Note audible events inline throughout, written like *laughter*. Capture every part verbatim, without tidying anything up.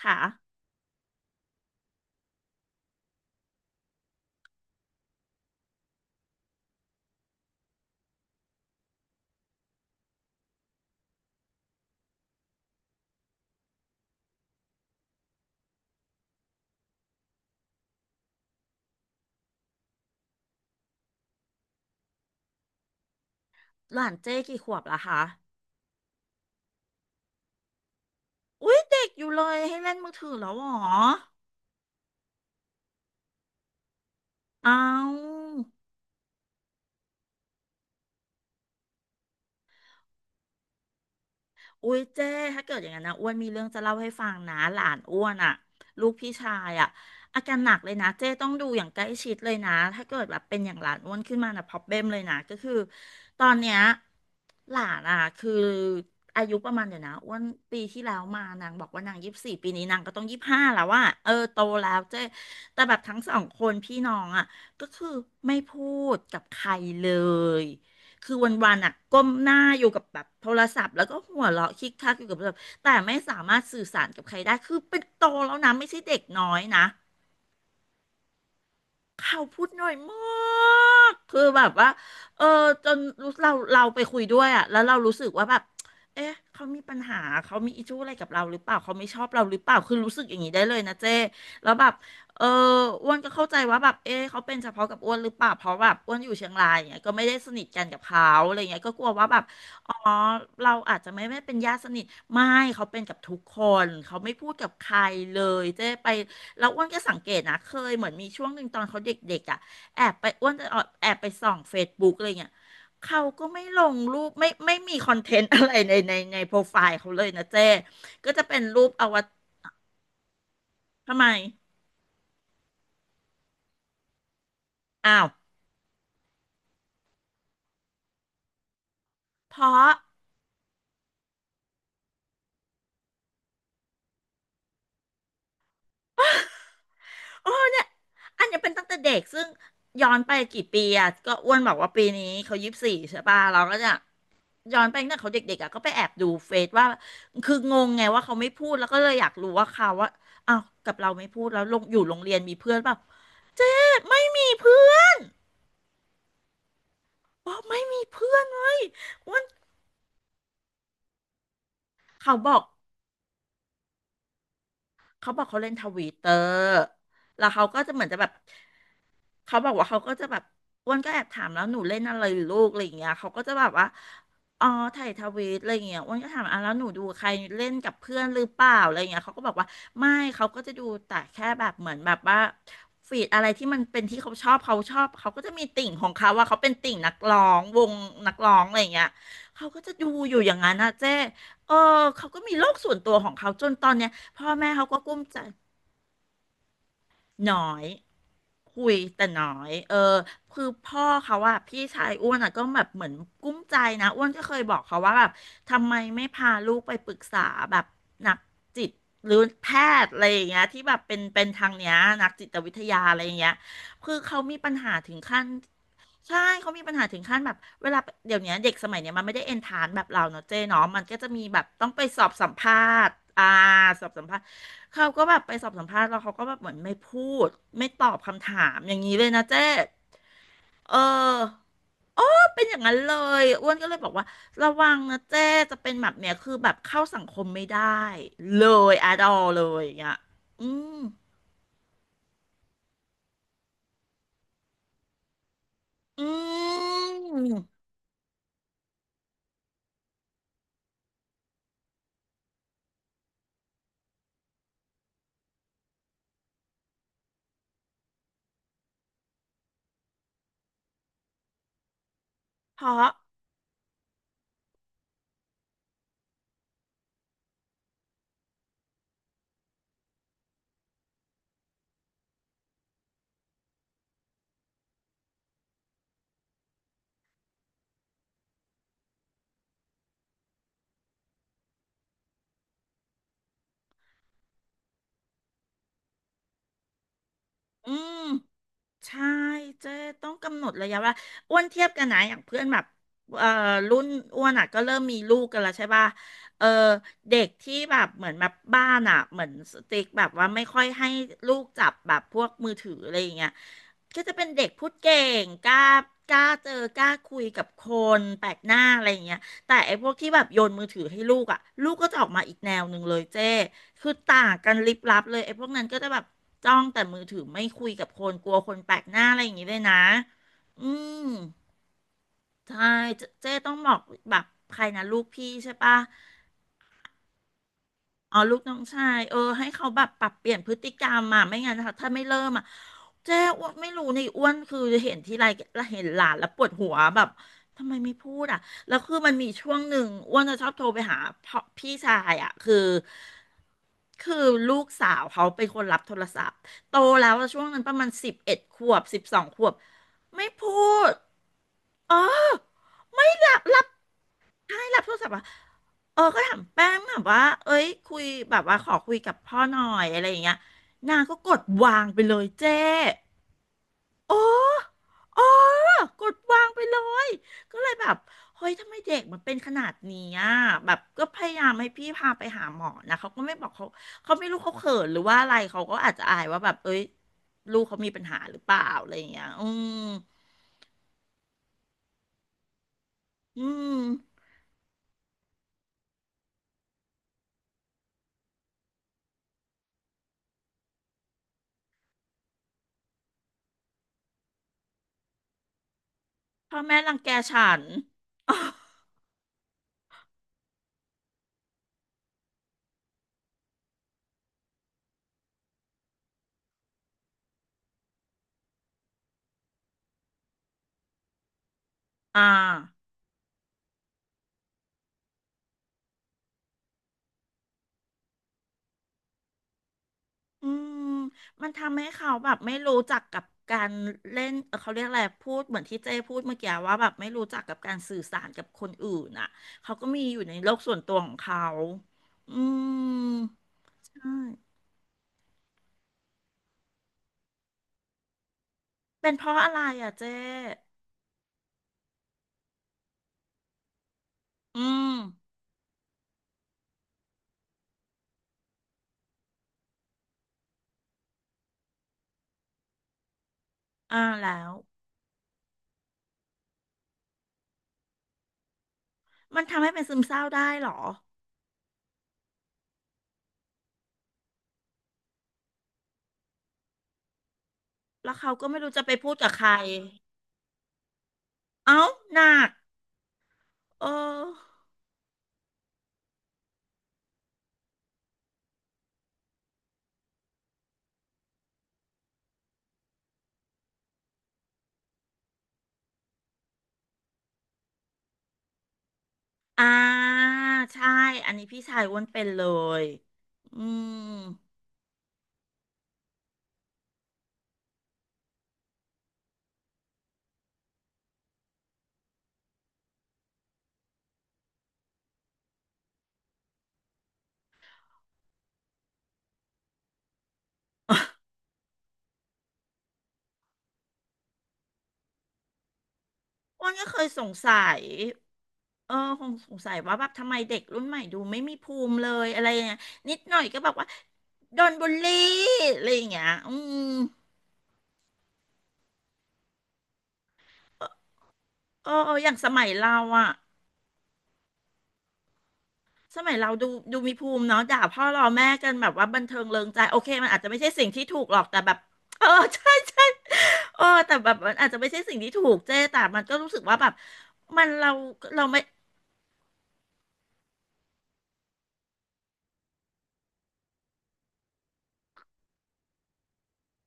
ค่ะหลานเจ้กี่ขวบละคะอุ๊ยเด็กอยู่เลยให้เล่นมือถือแล้วเหรอเอา อุ๊ยเจ้ถ้าเกิดอย่างนั้นนะอ้วนมีเรื่องจะเล่าให้ฟังนะหลานอ้วนอ่ะลูกพี่ชายอ่ะอาการหนักเลยนะเจ้ต้องดูอย่างใกล้ชิดเลยนะถ้าเกิดแบบเป็นอย่างหลานอ้วนขึ้นมานะพอบเบ e มเลยนะก็คือตอนเนี้ยหลานอ่ะคืออายุประมาณเดี๋ยวนะอ้วนปีที่แล้วมานางบอกว่านางยี่สิบสี่ปีนี้นางก็ต้องยี่สิบห้าแล้วว่าเออโตแล้วเจ้แต่แบบทั้งสองคนพี่น้องอ่ะก็คือไม่พูดกับใครเลย คือวันๆอ่ะก้มหน้าอยู่กับแบบโทรศัพท์แล้วก็หัวเราะคิกคักอยู่กับโทรศัพท์แต่ไม่สามารถสื่อสารกับใครได้คือเป็นโตแล้วนะไม่ใช่เด็กน้อยนะ เขาพูดหน่อยมากคือแบบว่าเออจนรู้เราเราไปคุยด้วยอ่ะแล้วเรารู้สึกว่าแบบเอ๊ะเขามีปัญหาเขามีอิชชูอะไรกับเราหรือเปล่าเขาไม่ชอบเราหรือเปล่าคือรู้สึกอย่างนี้ได้เลยนะเจ้แล้วแบบเอออ้วนก็เข้าใจว่าแบบเอ๊ะเขาเป็นเฉพาะกับอ้วนหรือเปล่าเพราะแบบอ้วนอยู่เชียงรายอย่างเงี้ยก็ไม่ได้สนิทกันกับเขาอะไรเงี้ยก็กลัวว่าแบบอ๋อเราอาจจะไม่ไม่เป็นญาติสนิทไม่เขาเป็นกับทุกคนเขาไม่พูดกับใครเลยเจ๊ไป แล้วอ้วนก็สังเกตนะเคยเหมือนมีช่วงหนึ่งตอนเขาเด็กๆอ่ะแอบไปอ้วนจะแอบไปส่องเฟซบุ๊กอะไรเงี้ยเขาก็ไม่ลงรูปไม่ไม่มีคอนเทนต์ *laughs* อะไรในในในโปรไฟล์เขาเลยนะเจ้ก็จะเป็นรูปอวตารทำไมอ้าวเพราะ โอ้เนี่ยอันเนี้ยเป็นตั้งแต่เด็กซึ่งย้อนไปกี่ปีอ่ะก็อ้วนบอกว่าปีนี้เขายี่สิบสี่ใช่ป่ะเราก็จะย้อนไปตั้งแต่เขาเด็กๆอ่ะก็ไปแอบดูเฟซว่าคืองงไงว่าเขาไม่พูดแล้วก็เลยอยากรู้ว่าเขาว่าอ้าวกับเราไม่พูดแล้วลงอยู่โรงเรียนมีเพื่อนเปล่าไม่มีเพื่อนบอกไม่มีเพื่อนเลยอ้วนเขาบอก เขาบอกเขาเล่นทวิตเตอร์แล้วเขาก็จะเหมือนจะแบบเขาบอกว่าเขาก็จะแบบอ้วนก็แอบถามแล้วหนูเล่นอะไรหรือลูกอะไรอย่างเงี้ยเขาก็จะแบบว่าอ๋อถ่ายทวีตอะไรอย่างเงี้ยอ้วนก็ถามอ่ะแล้วหนูดูใครเล่นกับเพื่อนหรือเปล่าอะไรอย่างเงี้ยเขาก็บอกว่าไม่เขาก็จะดูแต่แค่แบบเหมือนแบบว่าฟีดอะไรที่มันเป็นที่เขาชอบเขาชอบเขาก็จะมีติ่งของเขาว่าเขาเป็นติ่งนักร้องวงนักร้องอะไรอย่างเงี้ยเขาก็จะดูอยู่อย่างนั้นนะเจ้เออเขาก็มีโลกส่วนตัวของเขาจนตอนเนี้ย พ่อแม่เขาก็กุ้มใจหน้อยคุยแต่น้อยเออคือพ่อเขาอะพี่ชายอ้วนอะก็แบบเหมือนกุ้มใจนะอ้วนก็เคยบอกเขาว่าแบบทำไมไม่พาลูกไปปรึกษาแบบนักจิตหรือแพทย์อะไรอย่างเงี้ยที่แบบเป็นเป็นทางเนี้ยนักจิตวิทยาอะไรอย่างเงี้ยคือเขามีปัญหาถึงขั้นใช่เขามีปัญหาถึงขั้นแบบเวลาเดี๋ยวเนี้ยเด็กสมัยเนี้ยมันไม่ได้เอนทานแบบเราเนาะเจ๊เนาะมันก็จะมีแบบต้องไปสอบสัมภาษณ์อ่าสอบสัมภาษณ์ เขาก็แบบไปสอบสัมภาษณ์แล้วเขาก็แบบเหมือนไม่พูดไม่ตอบคำถามอย่างนี้เลยนะเจ๊เออ ก็เป็นอย่างนั้นเลยอ้วนก็เลยบอกว่าระวังนะเจ๊จะเป็นแบบเนี้ยคือแบบเข้าสังคมไม่ได้เลยอะดอเลยอย่างเงี้ยอืมอืมเพราะอืม ใช่เจ๊ต้องกำหนดระยะเวลาอ้วนเทียบกันนะอย่างเพื่อนแบบเอ่อรุ่นอ้วนอ่ะก็เริ่มมีลูกกันแล้วใช่ป่ะเออเด็กที่แบบเหมือนแบบบ้านอ่ะเหมือนสติ๊กแบบว่าไม่ค่อยให้ลูกจับแบบพวกมือถืออะไรอย่างเงี้ยก็จะเป็นเด็กพูดเก่งกล้ากล้าเจอกล้าคุยกับคนแปลกหน้าอะไรอย่างเงี้ยแต่ไอ้พวกที่แบบโยนมือถือให้ลูกอ่ะลูกก็จะออกมาอีกแนวหนึ่งเลยเจ๊ คือต่างกันลิบลับเลยไอ้พวกนั้นก็จะแบบจ้องแต่มือถือไม่คุยกับคนกลัวคนแปลกหน้าอะไรอย่างงี้เลยนะ อืมใช่เจเจ๊ต้องบอกแบบใครนะลูกพี่ใช่ปะ อ๋อลูกน้องชายเออให้เขาแบบปรับเปลี่ยนพฤติกรรมอ่ะไม่งั้นถ้าถ้าไม่เริ่มอ่ะเจ๊อ้วนไม่รู้ในอ้วนคือเห็นทีไรแล้วเห็นหลานแล้วปวดหัวแบบทำไมไม่พูดอ่ะแล้วคือมันมีช่วงหนึ่งอ้วนจะชอบโทรไปหาพ่อพี่ชายอ่ะคือคือลูกสาวเขาเป็นคนรับโทรศัพท์โตแล้วอะช่วงนั้นประมาณสิบเอ็ดขวบสิบสองขวบไม่พูดเออไม่รับรับใช่รับโทรศัพท์อ่ะ เออก็ถามแป้งแบบว่าเอ้ยคุยแบบว่าขอคุยกับพ่อหน่อยอะไรอย่างเงี้ยนางก็กดวางไปเลยเจ้โอ้โอ้กดวางไปเลยก็เลยแบบเฮ้ยทำไมเด็กมันเป็นขนาดนี้อ่ะแบบก็พยายามให้พี่พาไปหาหมอนะเขาก็ไม่บอกเขาเขาไม่รู้เขาเขินหรือว่าอะไรเขาก็อาจจะอายว่าแบบเอ้ยลูกเขามีปัญหาหรือเปล่าอะไรอย่างเงี้ยอืมอืมพ่อแม่รังแกฉัน *laughs* อ่า อืมมันทำให้เขาแบบไม่รู้จักกับการเล่นเอ่อเขาเรียกอะไรพูดเหมือนที่เจ้พูดเมื่อกี้ว่าแบบไม่รู้จักกับการสื่อสารกับคนอื่นอ่ะเขาก็มีอยู่ในโลกส่วนตัวของเขาอืมใช่เป็นเพราะอะไรอ่ะเจ้อืมอ่าแล้วมันทำให้เป็นซึมเศร้าได้เหรอแล้วเขาก็ไม่รู้จะไปพูดกับใครเอ้าหนักเอออ่าใช่อันนี้พี่ชายอ้วนเป็นเลยอืม อ้วนก็เคยสงสัย เออ คงสงสัยว่าแบบทำไมเด็กรุ่นใหม่ดูไม่มีภูมิเลยอะไรอย่างเงี้ยนิดหน่อยก็แบบว่าโดนบูลลี่อะไรอย่างเงี้ยอืมเออเอออย่างสมัยเราอะสมัยเราดูดูมีภูมิเนาะด่าพ่อรอแม่กันแบบว่าบันเทิงเริงใจโอเคมันอาจจะไม่ใช่สิ่งที่ถูกหรอกแต่แบบเออ *laughs* ใช่ใช่เออแต่แบบมันอาจจะไม่ใช่สิ่งที่ถูกเจ๊แต่มันก็รู้สึกว่าแบบมันเราเราไม่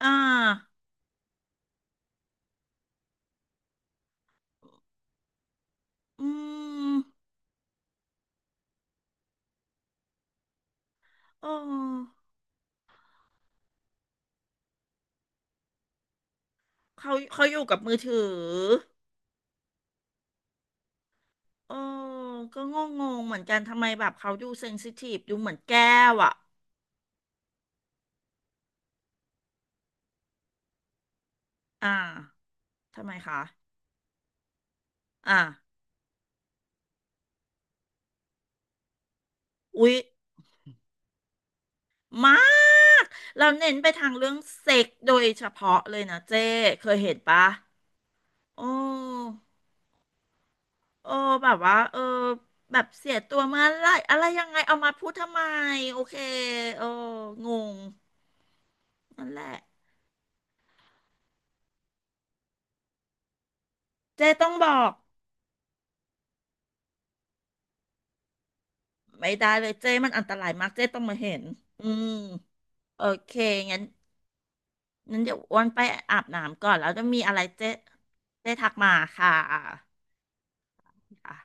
อ่าอืมเออ เขาเขาอยู่กับมือถือเออก็งงงเหมือนกันทำไมแบบเขาดูเซนซิทีฟดูเหมือนแก้วอ่ะอ่าทำไมคะ อ่าอุ๊ยมาก เราเน้นไปทางเรื่องเซ็กโดยเฉพาะเลยนะเจ้เคยเห็นปะโอ้โอ้แบบว่า เออ แบบเสียตัวเมื่อไหรอะไรยังไงเอามาพูดทำไม โอเคโอ้งงนั่นแหละ เจ้ต้องบอก ไม่ได้เลยเจ้มันอันตรายมากเจ้ต้องมาเห็น อืมโอเคงั้นงั้นเดี๋ยวอ้วนไปอาบน้ำก่อนแล้วจะมีอะไรเจ๊เจ๊ทักมาค่ะค่ะ